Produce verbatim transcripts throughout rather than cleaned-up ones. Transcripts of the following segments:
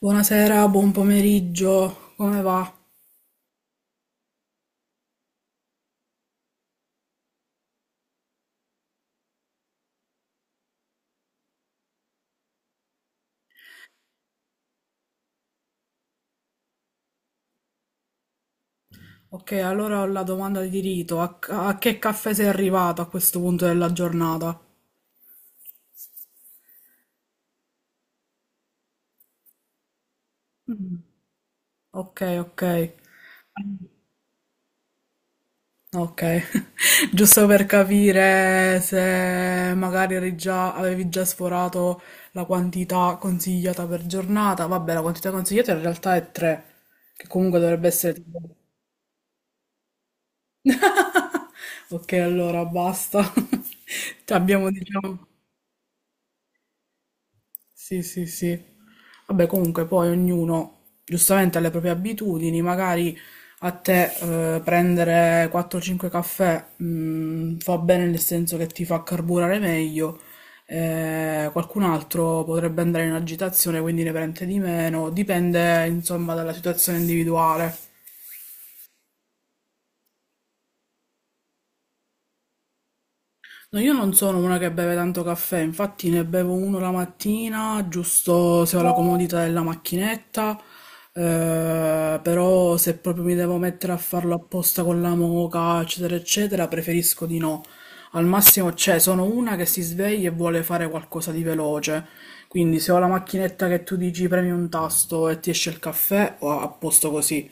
Buonasera, buon pomeriggio, come va? Ok, allora ho la domanda di rito. A, ca- a che caffè sei arrivato a questo punto della giornata? Ok, ok, ok. Giusto per capire se magari eri già- avevi già sforato la quantità consigliata per giornata. Vabbè, la quantità consigliata in realtà è tre, che comunque dovrebbe essere tipo... Ok, allora basta. Ci abbiamo, diciamo... Sì, sì, sì. Vabbè, comunque poi ognuno giustamente ha le proprie abitudini, magari a te eh, prendere quattro o cinque caffè mh, fa bene nel senso che ti fa carburare meglio, eh, qualcun altro potrebbe andare in agitazione, quindi ne prende di meno, dipende insomma dalla situazione individuale. No, io non sono una che beve tanto caffè, infatti ne bevo uno la mattina, giusto se ho la comodità della macchinetta, eh, però se proprio mi devo mettere a farlo apposta con la moka, eccetera, eccetera, preferisco di no. Al massimo, cioè, sono una che si sveglia e vuole fare qualcosa di veloce, quindi se ho la macchinetta che tu dici premi un tasto e ti esce il caffè, o apposto così.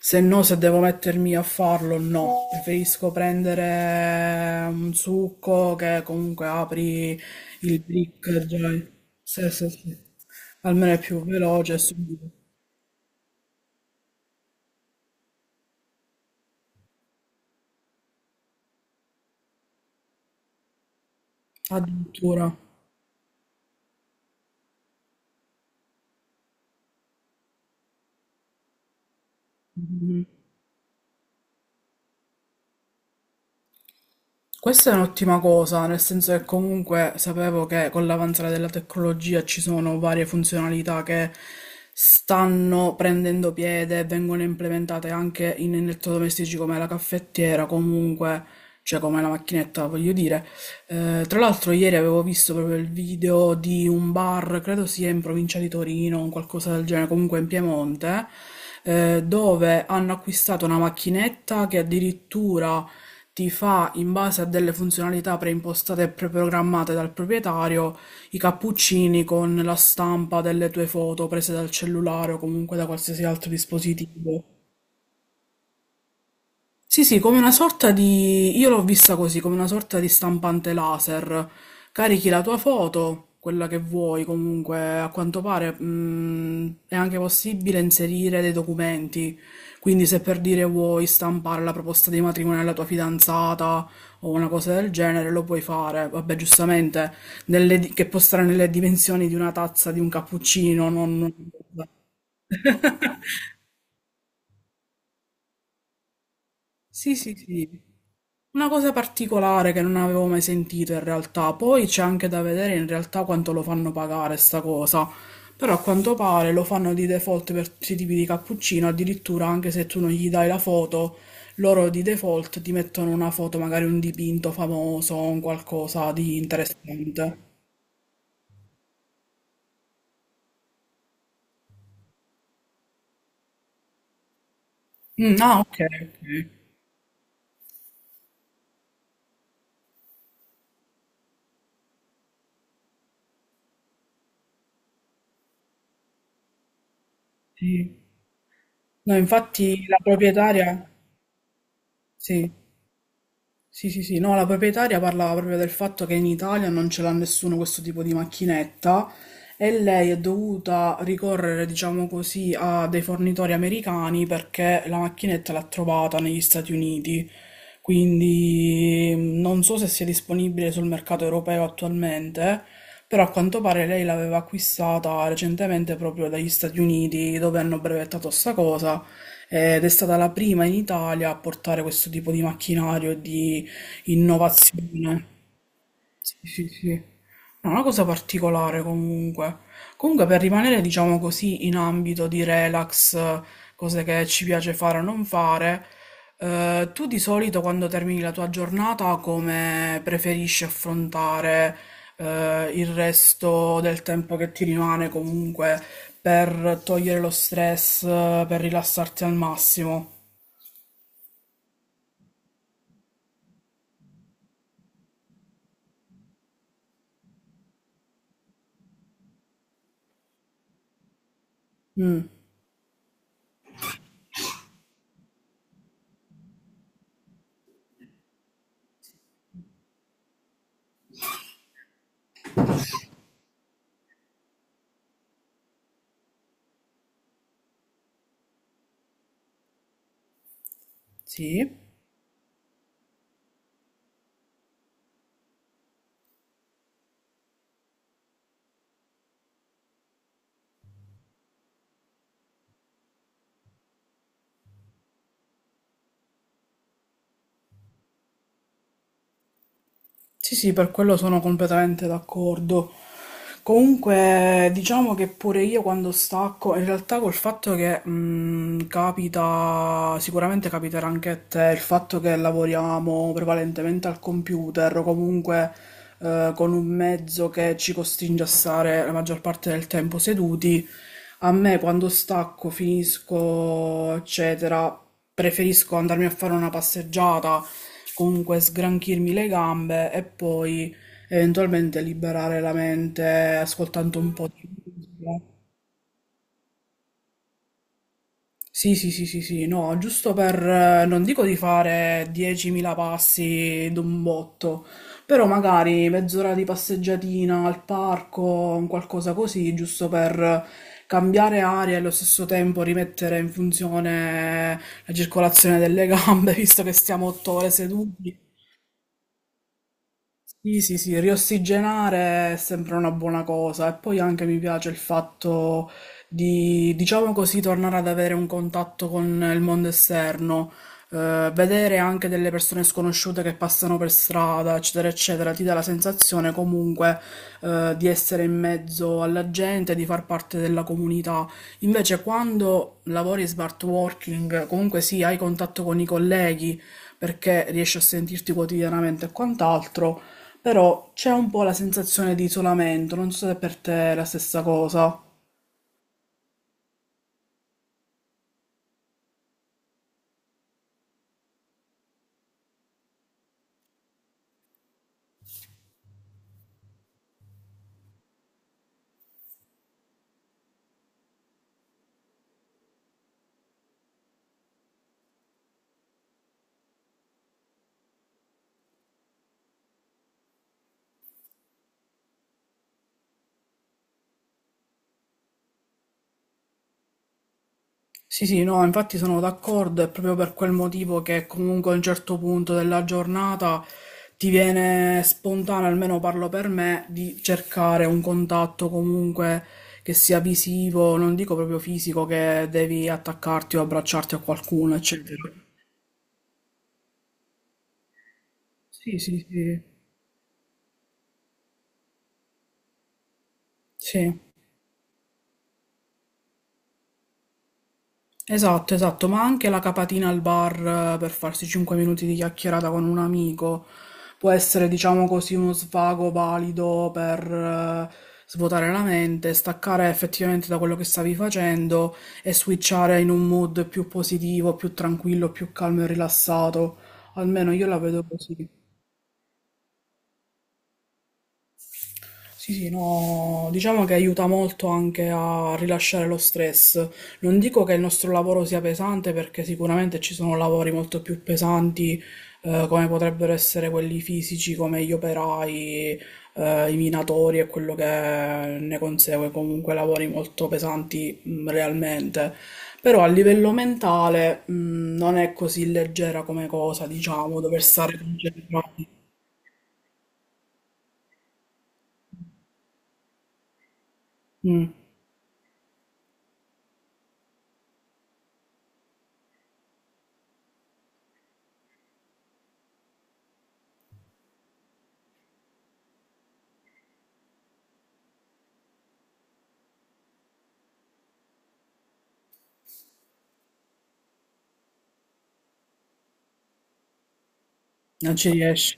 Se no, se devo mettermi a farlo, no. Preferisco prendere un succo che comunque apri il brick già. Sì, sì, sì. Almeno è più veloce e subito. Addirittura. Mhm. Questa è un'ottima cosa, nel senso che comunque sapevo che con l'avanzare della tecnologia ci sono varie funzionalità che stanno prendendo piede e vengono implementate anche in elettrodomestici come la caffettiera, comunque, cioè come la macchinetta, voglio dire. Eh, tra l'altro ieri avevo visto proprio il video di un bar, credo sia in provincia di Torino, un qualcosa del genere, comunque in Piemonte, eh, dove hanno acquistato una macchinetta che addirittura ti fa in base a delle funzionalità preimpostate e preprogrammate dal proprietario i cappuccini con la stampa delle tue foto prese dal cellulare o comunque da qualsiasi altro dispositivo. Sì, sì, come una sorta di... Io l'ho vista così, come una sorta di stampante laser. Carichi la tua foto, quella che vuoi, comunque, a quanto pare, mh, è anche possibile inserire dei documenti. Quindi se per dire vuoi stampare la proposta di matrimonio alla tua fidanzata o una cosa del genere, lo puoi fare. Vabbè, giustamente, nelle di- che può stare nelle dimensioni di una tazza di un cappuccino, non... Sì, sì, sì. Una cosa particolare che non avevo mai sentito in realtà, poi c'è anche da vedere in realtà quanto lo fanno pagare sta cosa, però a quanto pare lo fanno di default per tutti i tipi di cappuccino, addirittura anche se tu non gli dai la foto, loro di default ti mettono una foto, magari un dipinto famoso, un qualcosa di interessante. Mm, ah, ok, ok. Sì. No, infatti la proprietaria, sì. Sì, sì, sì, no, la proprietaria parlava proprio del fatto che in Italia non ce l'ha nessuno questo tipo di macchinetta e lei è dovuta ricorrere, diciamo così, a dei fornitori americani perché la macchinetta l'ha trovata negli Stati Uniti. Quindi mm, non so se sia disponibile sul mercato europeo attualmente, però a quanto pare lei l'aveva acquistata recentemente proprio dagli Stati Uniti, dove hanno brevettato sta cosa, ed è stata la prima in Italia a portare questo tipo di macchinario e di innovazione. Sì, sì, sì. No, una cosa particolare comunque. Comunque per rimanere, diciamo così, in ambito di relax, eh, cose che ci piace fare o non fare, eh, tu di solito quando termini la tua giornata come preferisci affrontare, eh, il resto del tempo che ti rimane comunque per togliere lo stress, eh, per rilassarti al massimo? Mm, sì. Sì, sì, per quello sono completamente d'accordo. Comunque, diciamo che pure io quando stacco, in realtà col fatto che mh, capita, sicuramente capiterà anche a te, il fatto che lavoriamo prevalentemente al computer o comunque eh, con un mezzo che ci costringe a stare la maggior parte del tempo seduti, a me quando stacco, finisco, eccetera, preferisco andarmi a fare una passeggiata, comunque sgranchirmi le gambe e poi eventualmente liberare la mente ascoltando un po' di musica. Sì, sì, sì, sì, sì, no, giusto per, eh, non dico di fare diecimila passi d'un botto, però magari mezz'ora di passeggiatina al parco, un qualcosa così, giusto per cambiare aria e allo stesso tempo rimettere in funzione la circolazione delle gambe, visto che stiamo otto ore seduti. Sì, sì, sì, riossigenare è sempre una buona cosa e poi anche mi piace il fatto di, diciamo così, tornare ad avere un contatto con il mondo esterno, eh, vedere anche delle persone sconosciute che passano per strada, eccetera, eccetera, ti dà la sensazione comunque, eh, di essere in mezzo alla gente, di far parte della comunità. Invece quando lavori smart working, comunque sì, hai contatto con i colleghi perché riesci a sentirti quotidianamente e quant'altro però c'è un po' la sensazione di isolamento, non so se per te è la stessa cosa. Sì, sì, no, infatti sono d'accordo, è proprio per quel motivo che comunque a un certo punto della giornata ti viene spontaneo, almeno parlo per me, di cercare un contatto comunque che sia visivo, non dico proprio fisico, che devi attaccarti o abbracciarti a qualcuno, eccetera. Sì, sì, sì, sì. Esatto, esatto, ma anche la capatina al bar eh, per farsi cinque minuti di chiacchierata con un amico può essere, diciamo così, uno svago valido per eh, svuotare la mente, staccare effettivamente da quello che stavi facendo e switchare in un mood più positivo, più tranquillo, più calmo e rilassato. Almeno io la vedo così. Sì, sì, no, diciamo che aiuta molto anche a rilasciare lo stress. Non dico che il nostro lavoro sia pesante perché sicuramente ci sono lavori molto più pesanti, eh, come potrebbero essere quelli fisici, come gli operai, eh, i minatori e quello che ne consegue, comunque lavori molto pesanti, mh, realmente. Però a livello mentale, mh, non è così leggera come cosa, diciamo, dover stare concentrati. Mm, non ci riesci.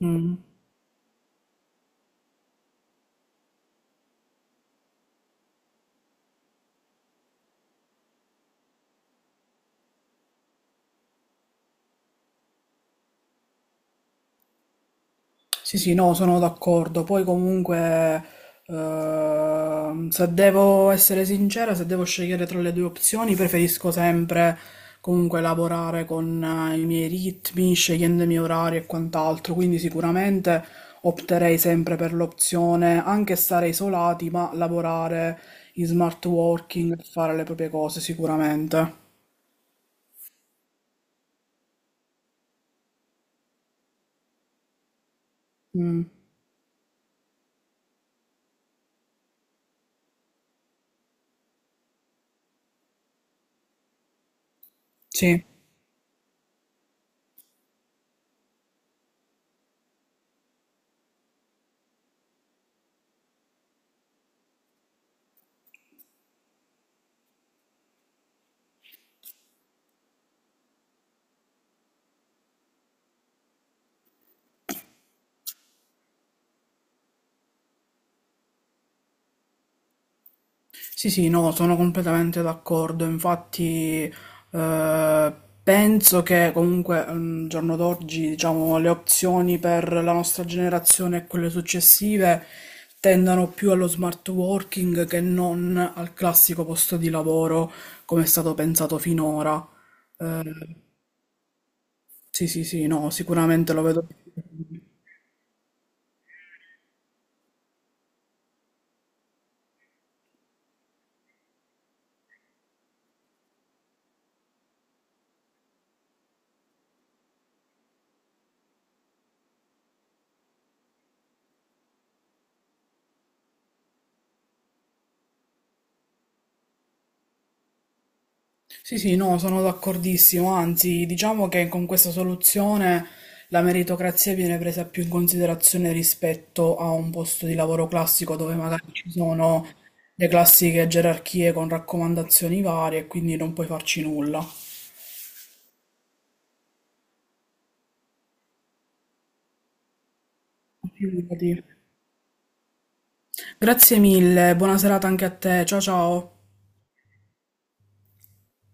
Mm. Sì, sì, no, sono d'accordo. Poi comunque, ehm, se devo essere sincera, se devo scegliere tra le due opzioni, preferisco sempre comunque lavorare con eh, i miei ritmi, scegliendo i miei orari e quant'altro. Quindi sicuramente opterei sempre per l'opzione, anche stare isolati, ma lavorare in smart working, fare le proprie cose, sicuramente. Mm, sì. Sì, sì, no, sono completamente d'accordo. Infatti, eh, penso che comunque mm, al giorno d'oggi, diciamo, le opzioni per la nostra generazione e quelle successive tendano più allo smart working che non al classico posto di lavoro come è stato pensato finora. Eh, sì, sì, sì, no, sicuramente lo vedo. Sì, sì, no, sono d'accordissimo, anzi, diciamo che con questa soluzione la meritocrazia viene presa più in considerazione rispetto a un posto di lavoro classico dove magari ci sono le classiche gerarchie con raccomandazioni varie e quindi non puoi farci nulla. Figurati. Grazie mille, buona serata anche a te, ciao ciao.